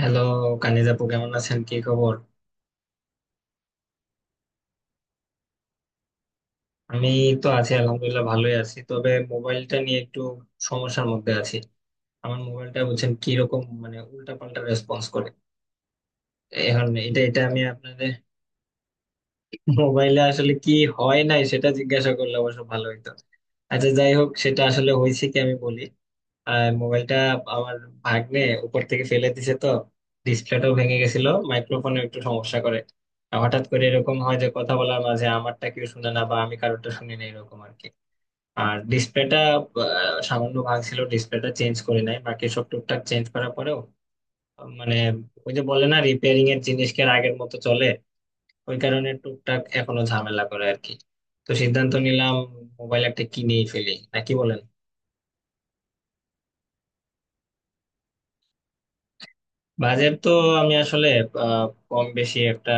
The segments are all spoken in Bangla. হ্যালো কানিজ আপু, কেমন আছেন? কি খবর? আমি তো আছি, আলহামদুলিল্লাহ ভালোই আছি, তবে মোবাইলটা নিয়ে একটু সমস্যার মধ্যে আছি। আমার মোবাইলটা বলছেন কি রকম, মানে উল্টা পাল্টা রেসপন্স করে এখন। এটা এটা আমি আপনাদের মোবাইলে আসলে কি হয় নাই সেটা জিজ্ঞাসা করলে অবশ্য ভালো হইতো। আচ্ছা যাই হোক, সেটা আসলে হয়েছে কি, আমি বলি। আর মোবাইলটা আমার ভাগ্নে উপর থেকে ফেলে দিছে, তো ডিসপ্লেটাও ভেঙে গেছিল, মাইক্রোফোনে একটু সমস্যা করে। আর হঠাৎ করে এরকম হয় যে কথা বলার মাঝে আমারটা কেউ শুনে না বা আমি কারোরটা শুনি না, এরকম আর কি। আর ডিসপ্লেটা সামান্য ভাঙছিল, ডিসপ্লেটা চেঞ্জ করে নাই, বাকি সব টুকটাক চেঞ্জ করার পরেও মানে ওই যে বলে না, রিপেয়ারিং এর জিনিস কি আর আগের মতো চলে? ওই কারণে টুকটাক এখনো ঝামেলা করে আর কি। তো সিদ্ধান্ত নিলাম মোবাইল একটা কিনেই ফেলি, নাকি বলেন। বাজেট তো আমি আসলে আহ, কম বেশি একটা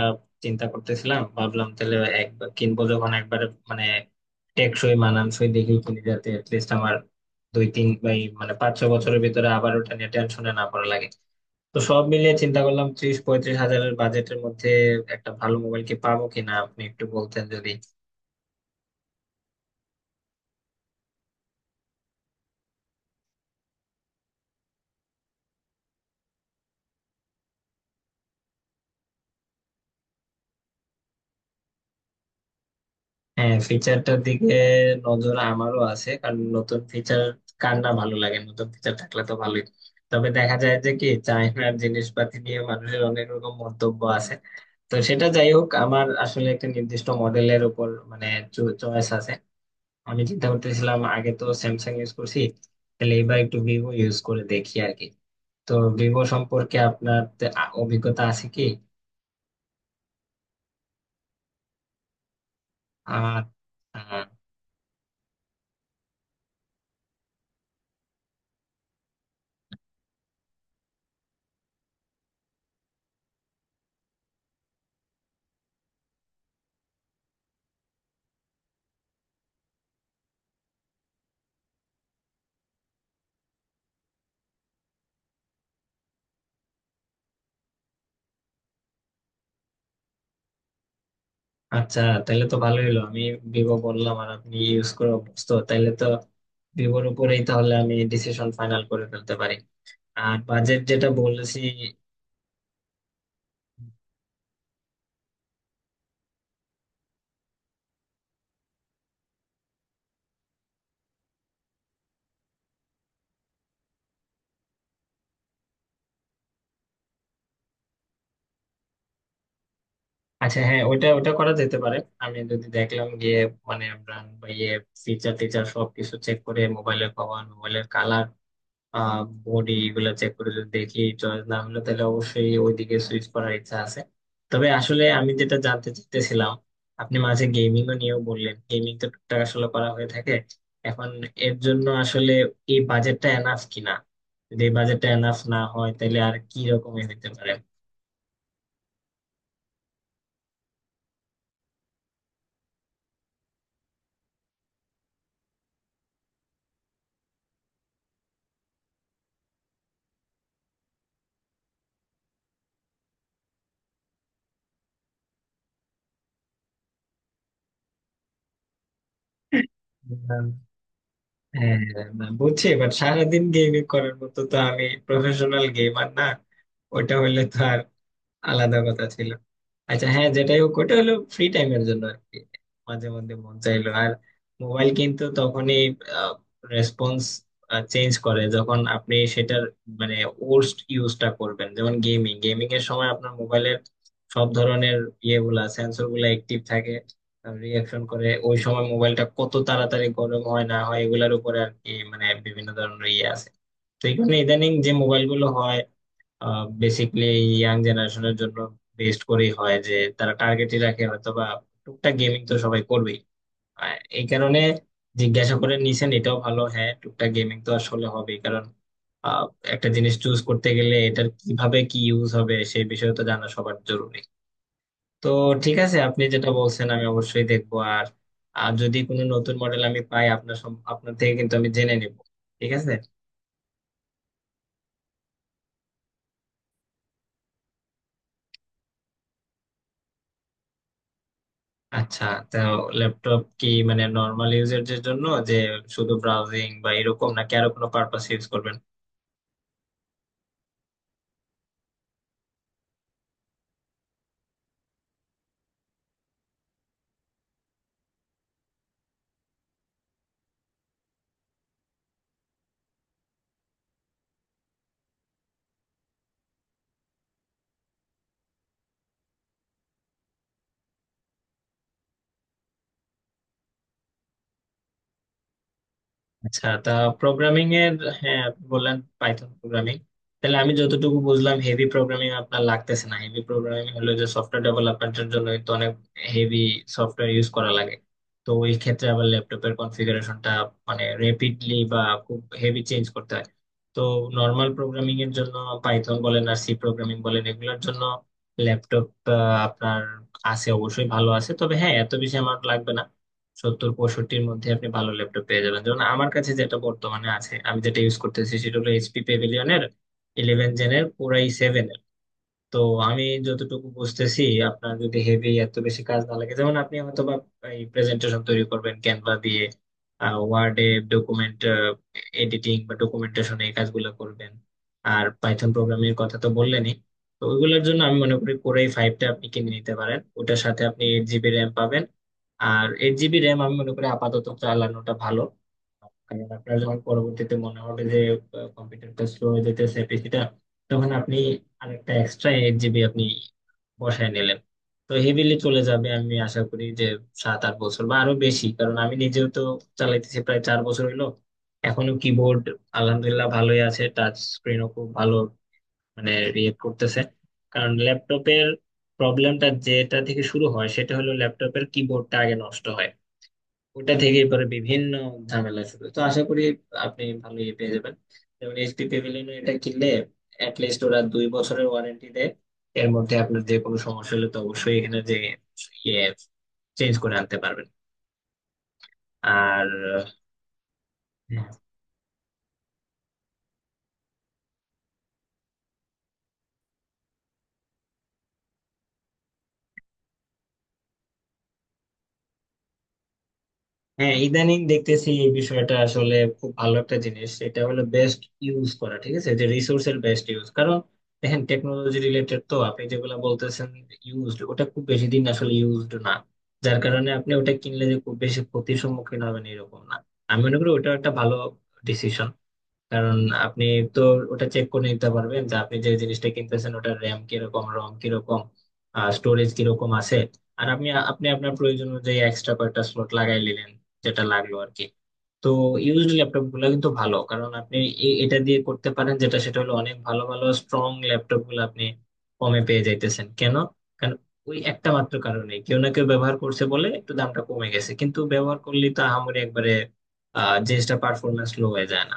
চিন্তা করতেছিলাম, ভাবলাম তাহলে একবার কিনবো যখন, একবারে মানে টেকসই মানানসই দেখি কিনে, যাতে লিস্ট আমার দুই তিন বা এই মানে 5-6 বছরের ভিতরে আবার ওটা নিয়ে টেনশনে না পড়া লাগে। তো সব মিলিয়ে চিন্তা করলাম, 30-35 হাজারের বাজেটের মধ্যে একটা ভালো মোবাইল কি পাবো কিনা আপনি একটু বলতেন যদি। হ্যাঁ, ফিচারটার দিকে নজর আমারও আছে, কারণ নতুন ফিচার কার না ভালো লাগে, নতুন ফিচার থাকলে তো ভালোই। তবে দেখা যায় যে কি, চায়নার জিনিসপাতি নিয়ে মানুষের অনেক রকম মন্তব্য আছে। তো সেটা যাই হোক, আমার আসলে একটা নির্দিষ্ট মডেলের উপর মানে চয়েস আছে। আমি চিন্তা করতেছিলাম, আগে তো স্যামসাং ইউজ করছি, তাহলে এবার একটু ভিভো ইউজ করে দেখি আর কি। তো ভিভো সম্পর্কে আপনার অভিজ্ঞতা আছে কি? আর আচ্ছা, তাহলে তো ভালোই হলো, আমি ভিভো বললাম আর আপনি ইউজ করে অভ্যস্ত, তাহলে তো ভিভোর উপরেই তাহলে আমি ডিসিশন ফাইনাল করে ফেলতে পারি। আর বাজেট যেটা বলেছি। আচ্ছা, হ্যাঁ, ওইটা ওটা করা যেতে পারে। আমি যদি দেখলাম গিয়ে মানে ব্র্যান্ড বা ইয়ে, ফিচার টিচার সবকিছু চেক করে মোবাইলের পাওয়ার, মোবাইলের কালার, আহ বডি, এগুলা চেক করে যদি দেখি চয়েস না হলো, তাহলে অবশ্যই ওইদিকে সুইচ করার ইচ্ছা আছে। তবে আসলে আমি যেটা জানতে চাইতেছিলাম, আপনি মাঝে গেমিং ও নিয়েও বললেন, গেমিং তো টুকটাক আসলে করা হয়ে থাকে এখন, এর জন্য আসলে এই বাজেটটা এনাফ কিনা, যদি এই বাজেটটা এনাফ না হয় তাহলে আর কি রকমের হইতে পারে। উম, হ্যাঁ, না, বুঝছি, বাট সারাদিন গেমিং করার মতো তো আমি প্রফেশনাল গেমার না। ওটা হইলে তো আর আলাদা কথা ছিল। আচ্ছা হ্যাঁ, যেটাই হোক ওটা হলো ফ্রি টাইমের জন্য আর কি, মাঝে মধ্যে মন চাইলো আর। মোবাইল কিন্তু তখনই রেসপন্স চেঞ্জ করে যখন আপনি সেটার মানে ওর্স্ট ইউজটা করবেন। যেমন গেমিং গেমিং এর সময় আপনার মোবাইলের সব ধরনের ইয়েগুলা, সেন্সর গুলা অ্যাক্টিভ থাকে, রিয়াকশন করে, ওই সময় মোবাইলটা কত তাড়াতাড়ি গরম হয় না হয় এগুলার উপরে আর কি, মানে বিভিন্ন ধরনের ইয়ে আছে। তো এই কারণে ইদানিং যে মোবাইল গুলো হয়, বেসিকলি ইয়াং জেনারেশনের জন্য বেস্ট করেই হয় যে, তারা টার্গেটই রাখে হয়তো বা, টুকটাক গেমিং তো সবাই করবেই। আর এই কারণে জিজ্ঞাসা করে নিছেন এটাও ভালো। হ্যাঁ, টুকটাক গেমিং তো আসলে হবেই, কারণ আহ, একটা জিনিস চুজ করতে গেলে এটার কিভাবে কি ইউজ হবে সেই বিষয়ে তো জানা সবার জরুরি। তো ঠিক আছে, আপনি যেটা বলছেন আমি অবশ্যই দেখবো। আর আর যদি কোনো নতুন মডেল আমি পাই, আপনার আপনার থেকে কিন্তু আমি জেনে নিব। ঠিক আছে। আচ্ছা, তো ল্যাপটপ কি মানে নর্মাল ইউজের জন্য যে শুধু ব্রাউজিং বা এরকম, নাকি আরো কোনো পারপাস ইউজ করবেন? আচ্ছা তা, প্রোগ্রামিং এর, হ্যাঁ আপনি বললেন পাইথন প্রোগ্রামিং। তাহলে আমি যতটুকু বুঝলাম হেভি প্রোগ্রামিং আপনার লাগতেছে না। হেভি প্রোগ্রামিং হলো যে সফটওয়্যার ডেভেলপমেন্টের জন্য তো অনেক হেভি সফটওয়্যার ইউজ করা লাগে। তো ওই ক্ষেত্রে আবার ল্যাপটপের কনফিগারেশনটা মানে রেপিডলি বা খুব হেভি চেঞ্জ করতে হয়। তো নর্মাল প্রোগ্রামিং এর জন্য, পাইথন বলেন আর সি প্রোগ্রামিং বলেন, এগুলোর জন্য ল্যাপটপ আপনার আছে অবশ্যই ভালো আছে, তবে হ্যাঁ এত বেশি আমার লাগবে না। 70-65 এর মধ্যে আপনি ভালো ল্যাপটপ পেয়ে যাবেন। যেমন আমার কাছে যেটা বর্তমানে আছে, আমি যেটা ইউজ করতেছি, সেটা হলো এইচপি প্যাভিলিয়নের 11 জেনের পুরাই 7। তো আমি যতটুকু বুঝতেছি আপনার যদি হেভি এত বেশি কাজ না লাগে, যেমন আপনি হয়তো বা এই প্রেজেন্টেশন তৈরি করবেন ক্যানভা দিয়ে, ওয়ার্ডে ডকুমেন্ট এডিটিং বা ডকুমেন্টেশন এই কাজগুলো করবেন, আর পাইথন প্রোগ্রামিং এর কথা তো বললেনই, তো ওইগুলোর জন্য আমি মনে করি কোরাই ফাইভটা আপনি কিনে নিতে পারেন। ওটার সাথে আপনি 8 জিবি র্যাম পাবেন। আর 8 জিবি র্যাম আমি মনে করি আপাতত চালানোটা ভালো, কারণ আপনার যখন পরবর্তীতে মনে হবে যে কম্পিউটারটা স্লো হয়ে যেতেছে, পিসিটা, তখন আপনি আরেকটা এক্সট্রা 8 জিবি আপনি বসায় নিলেন, তো হেভিলি চলে যাবে আমি আশা করি যে 7-8 বছর বা আরো বেশি। কারণ আমি নিজেও তো চালাইতেছি প্রায় 4 বছর হলো, এখনো কিবোর্ড আলহামদুলিল্লাহ ভালোই আছে, টাচ স্ক্রিনও খুব ভালো মানে রিয়েক্ট করতেছে। কারণ ল্যাপটপের প্রবলেমটা যেটা থেকে শুরু হয় সেটা হলো ল্যাপটপের কিবোর্ডটা আগে নষ্ট হয়, ওটা থেকে পরে বিভিন্ন ঝামেলা শুরু। তো আশা করি আপনি ভালো ইয়ে পেয়ে যাবেন। যেমন এইচপি প্যাভিলিয়ন এটা কিনলে অ্যাটলিস্ট ওরা 2 বছরের ওয়ারেন্টি দেয়। এর মধ্যে আপনার যে কোনো সমস্যা হলে তো অবশ্যই এখানে যে ইয়ে চেঞ্জ করে আনতে পারবেন। আর হ্যাঁ, ইদানিং দেখতেছি এই বিষয়টা আসলে খুব ভালো একটা জিনিস, এটা হলো বেস্ট ইউজ করা, ঠিক আছে যে রিসোর্সের বেস্ট ইউজ। কারণ দেখেন, টেকনোলজি রিলেটেড তো আপনি যেগুলো বলতেছেন ইউজড, ওটা খুব বেশি দিন আসলে ইউজড না, যার কারণে আপনি ওটা কিনলে যে খুব বেশি ক্ষতির সম্মুখীন হবেন এরকম না। আমি মনে করি ওটা একটা ভালো ডিসিশন, কারণ আপনি তো ওটা চেক করে নিতে পারবেন যে আপনি যে জিনিসটা কিনতেছেন ওটার র্যাম কিরকম, রম কিরকম, স্টোরেজ কিরকম আছে। আর আপনি আপনি আপনার প্রয়োজন অনুযায়ী এক্সট্রা কয়েকটা স্লট লাগাই নিলেন, যেটা লাগলো আর কি। তো ইউজড ল্যাপটপ গুলা কিন্তু ভালো, কারণ আপনি এটা দিয়ে করতে পারেন যেটা, সেটা হলো অনেক ভালো ভালো স্ট্রং ল্যাপটপ গুলো আপনি কমে পেয়ে যাইতেছেন। কেন? কারণ ওই একটা মাত্র কারণে, কেউ না কেউ ব্যবহার করছে বলে একটু দামটা কমে গেছে, কিন্তু ব্যবহার করলে তো আহামরি একবারে জিনিসটা পারফরমেন্স লো হয়ে যায় না।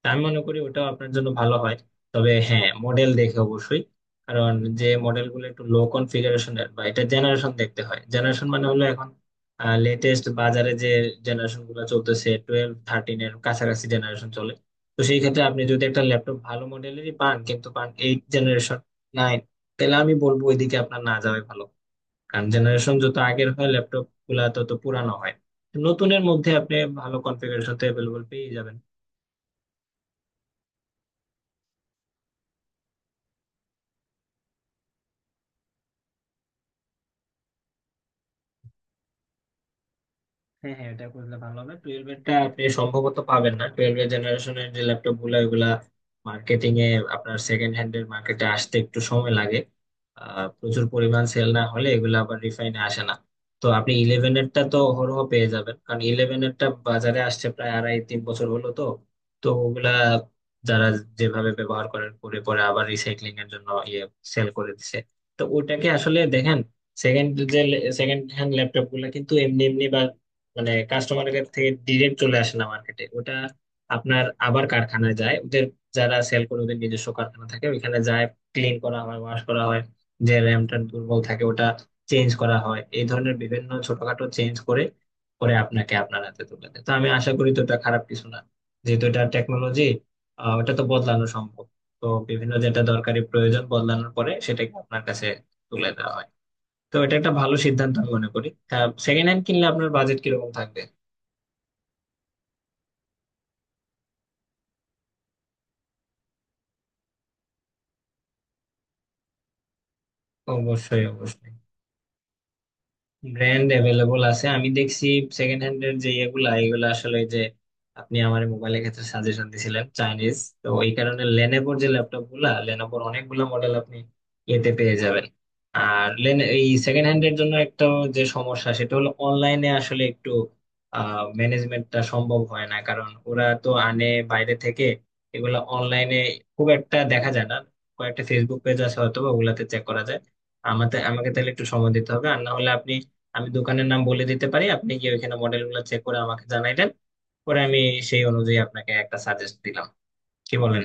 তা আমি মনে করি ওটাও আপনার জন্য ভালো হয়। তবে হ্যাঁ, মডেল দেখে অবশ্যই, কারণ যে মডেল গুলো একটু লো কনফিগারেশনের বা এটা জেনারেশন দেখতে হয়। জেনারেশন মানে হলো এখন লেটেস্ট বাজারে যে জেনারেশন গুলো চলতেছে, 12-13 এর কাছাকাছি জেনারেশন চলে। তো সেই ক্ষেত্রে আপনি যদি একটা ল্যাপটপ ভালো মডেলেরই পান কিন্তু পান 8 জেনারেশন, 9, তাহলে আমি বলবো ওইদিকে আপনার না যাওয়াই ভালো, কারণ জেনারেশন যত আগের হয় ল্যাপটপ গুলা তত পুরানো হয়। নতুনের মধ্যে আপনি ভালো কনফিগারেশন তো অ্যাভেলেবল পেয়ে যাবেন। হ্যাঁ হ্যাঁ, এটা করলে ভালো হবে। 12 এরটা আপনি সম্ভবত পাবেন না, 12 এর জেনারেশনের যে ল্যাপটপ গুলো ওগুলা মার্কেটিং এ আপনার সেকেন্ড হ্যান্ড এর মার্কেটে আসতে একটু সময় লাগে। প্রচুর পরিমাণ সেল না হলে এগুলো আবার রিফাইনে আসে না। তো আপনি 11 এরটা তো হরহ পেয়ে যাবেন, কারণ 11 এরটা বাজারে আসছে প্রায় 2.5-3 বছর হলো। তো তো ওগুলা যারা যেভাবে ব্যবহার করেন, করে পরে আবার রিসাইক্লিং এর জন্য ইয়ে সেল করে দিছে। তো ওটাকে আসলে দেখেন, সেকেন্ড যে সেকেন্ড হ্যান্ড ল্যাপটপ গুলা কিন্তু মানে কাস্টমারের কাছ থেকে ডিরেক্ট চলে আসে না মার্কেটে, ওটা আপনার আবার কারখানায় যায় ওদের, যারা সেল করে ওদের নিজস্ব কারখানা থাকে ওইখানে যায়, ক্লিন করা হয়, ওয়াশ করা হয়, যে র্যামটা দুর্বল থাকে ওটা চেঞ্জ করা হয়, এই ধরনের বিভিন্ন ছোটখাটো চেঞ্জ করে করে আপনাকে আপনার হাতে তুলে দেয়। তো আমি আশা করি তো এটা খারাপ কিছু না, যেহেতু এটা টেকনোলজি, ওটা তো বদলানো সম্ভব। তো বিভিন্ন যেটা দরকারি প্রয়োজন বদলানোর পরে সেটাকে আপনার কাছে তুলে দেওয়া হয়। তো এটা একটা ভালো সিদ্ধান্ত আমি মনে করি। সেকেন্ড হ্যান্ড কিনলে আপনার বাজেট কিরকম থাকবে? অবশ্যই, অবশ্যই। ব্র্যান্ড অ্যাভেলেবল আছে, আমি দেখছি সেকেন্ড হ্যান্ড এর যে ইয়েগুলা, এগুলো আসলে যে আপনি আমার মোবাইলের ক্ষেত্রে সাজেশন দিছিলেন চাইনিজ, তো এই কারণে লেনোভোর যে ল্যাপটপ গুলা, লেনোভোর অনেকগুলা মডেল আপনি এতে পেয়ে যাবেন। আর লেন, এই সেকেন্ড হ্যান্ড এর জন্য একটা যে সমস্যা, সেটা হলো অনলাইনে আসলে একটু ম্যানেজমেন্টটা সম্ভব হয় না, কারণ ওরা তো আনে বাইরে থেকে, এগুলা অনলাইনে খুব একটা দেখা যায় না। কয়েকটা ফেসবুক পেজ আছে হয়তো বা, ওগুলাতে চেক করা যায়। আমাকে আমাকে তাহলে একটু সময় দিতে হবে, আর না হলে আপনি, আমি দোকানের নাম বলে দিতে পারি, আপনি গিয়ে ওইখানে মডেলগুলো চেক করে আমাকে জানাইলেন, পরে আমি সেই অনুযায়ী আপনাকে একটা সাজেস্ট দিলাম, কি বলেন?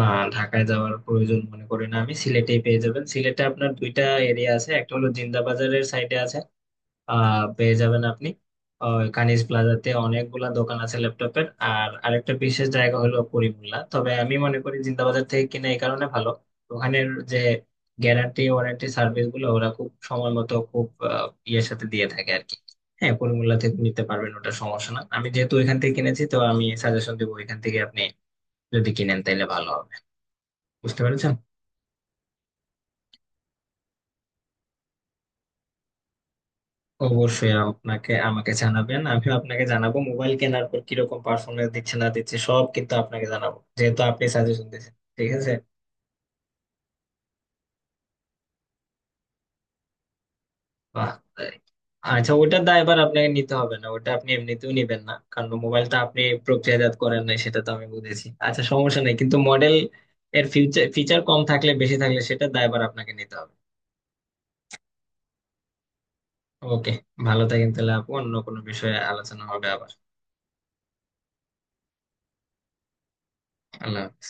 না, ঢাকায় যাওয়ার প্রয়োজন মনে করি না আমি, সিলেটেই পেয়ে যাবেন। সিলেটে আপনার দুইটা এরিয়া আছে, একটা হলো জিন্দা বাজারের সাইডে আছে, পেয়ে যাবেন আপনি। কানিজ প্লাজাতে অনেকগুলা দোকান আছে ল্যাপটপের, আর আরেকটা বিশেষ জায়গা হলো করিমুল্লা। তবে আমি মনে করি জিন্দাবাজার থেকে কিনা এই কারণে ভালো, ওখানের যে গ্যারান্টি ওয়ারেন্টি সার্ভিস গুলো ওরা খুব সময় মতো খুব ইয়ের সাথে দিয়ে থাকে আর কি। হ্যাঁ, করিমুল্লা থেকে নিতে পারবেন, ওটা সমস্যা না, আমি যেহেতু ওইখান থেকে কিনেছি তো আমি সাজেশন দেবো, ওইখান থেকে আপনি যদি কিনেন তাহলে ভালো হবে। বুঝতে পেরেছেন। অবশ্যই আপনাকে আমাকে জানাবেন, আমিও আপনাকে জানাবো মোবাইল কেনার পর কিরকম পারফরমেন্স দিচ্ছে না দিচ্ছে সব কিন্তু আপনাকে জানাবো, যেহেতু আপনি সাজেশন দিয়েছেন। ঠিক আছে। বাহ, তাই। আচ্ছা, ওটার দায় এবার আপনাকে নিতে হবে না, ওটা আপনি এমনিতেও নিবেন না, কারণ মোবাইলটা আপনি প্রক্রিয়াজাত করেন নাই সেটা তো আমি বুঝেছি। আচ্ছা, সমস্যা নেই, কিন্তু মডেল এর ফিউচার ফিচার কম থাকলে বেশি থাকলে সেটা দায়ভার আপনাকে নিতে হবে। ওকে, ভালো থাকেন তাহলে আপু, অন্য কোনো বিষয়ে আলোচনা হবে আবার। আল্লাহ হাফেজ।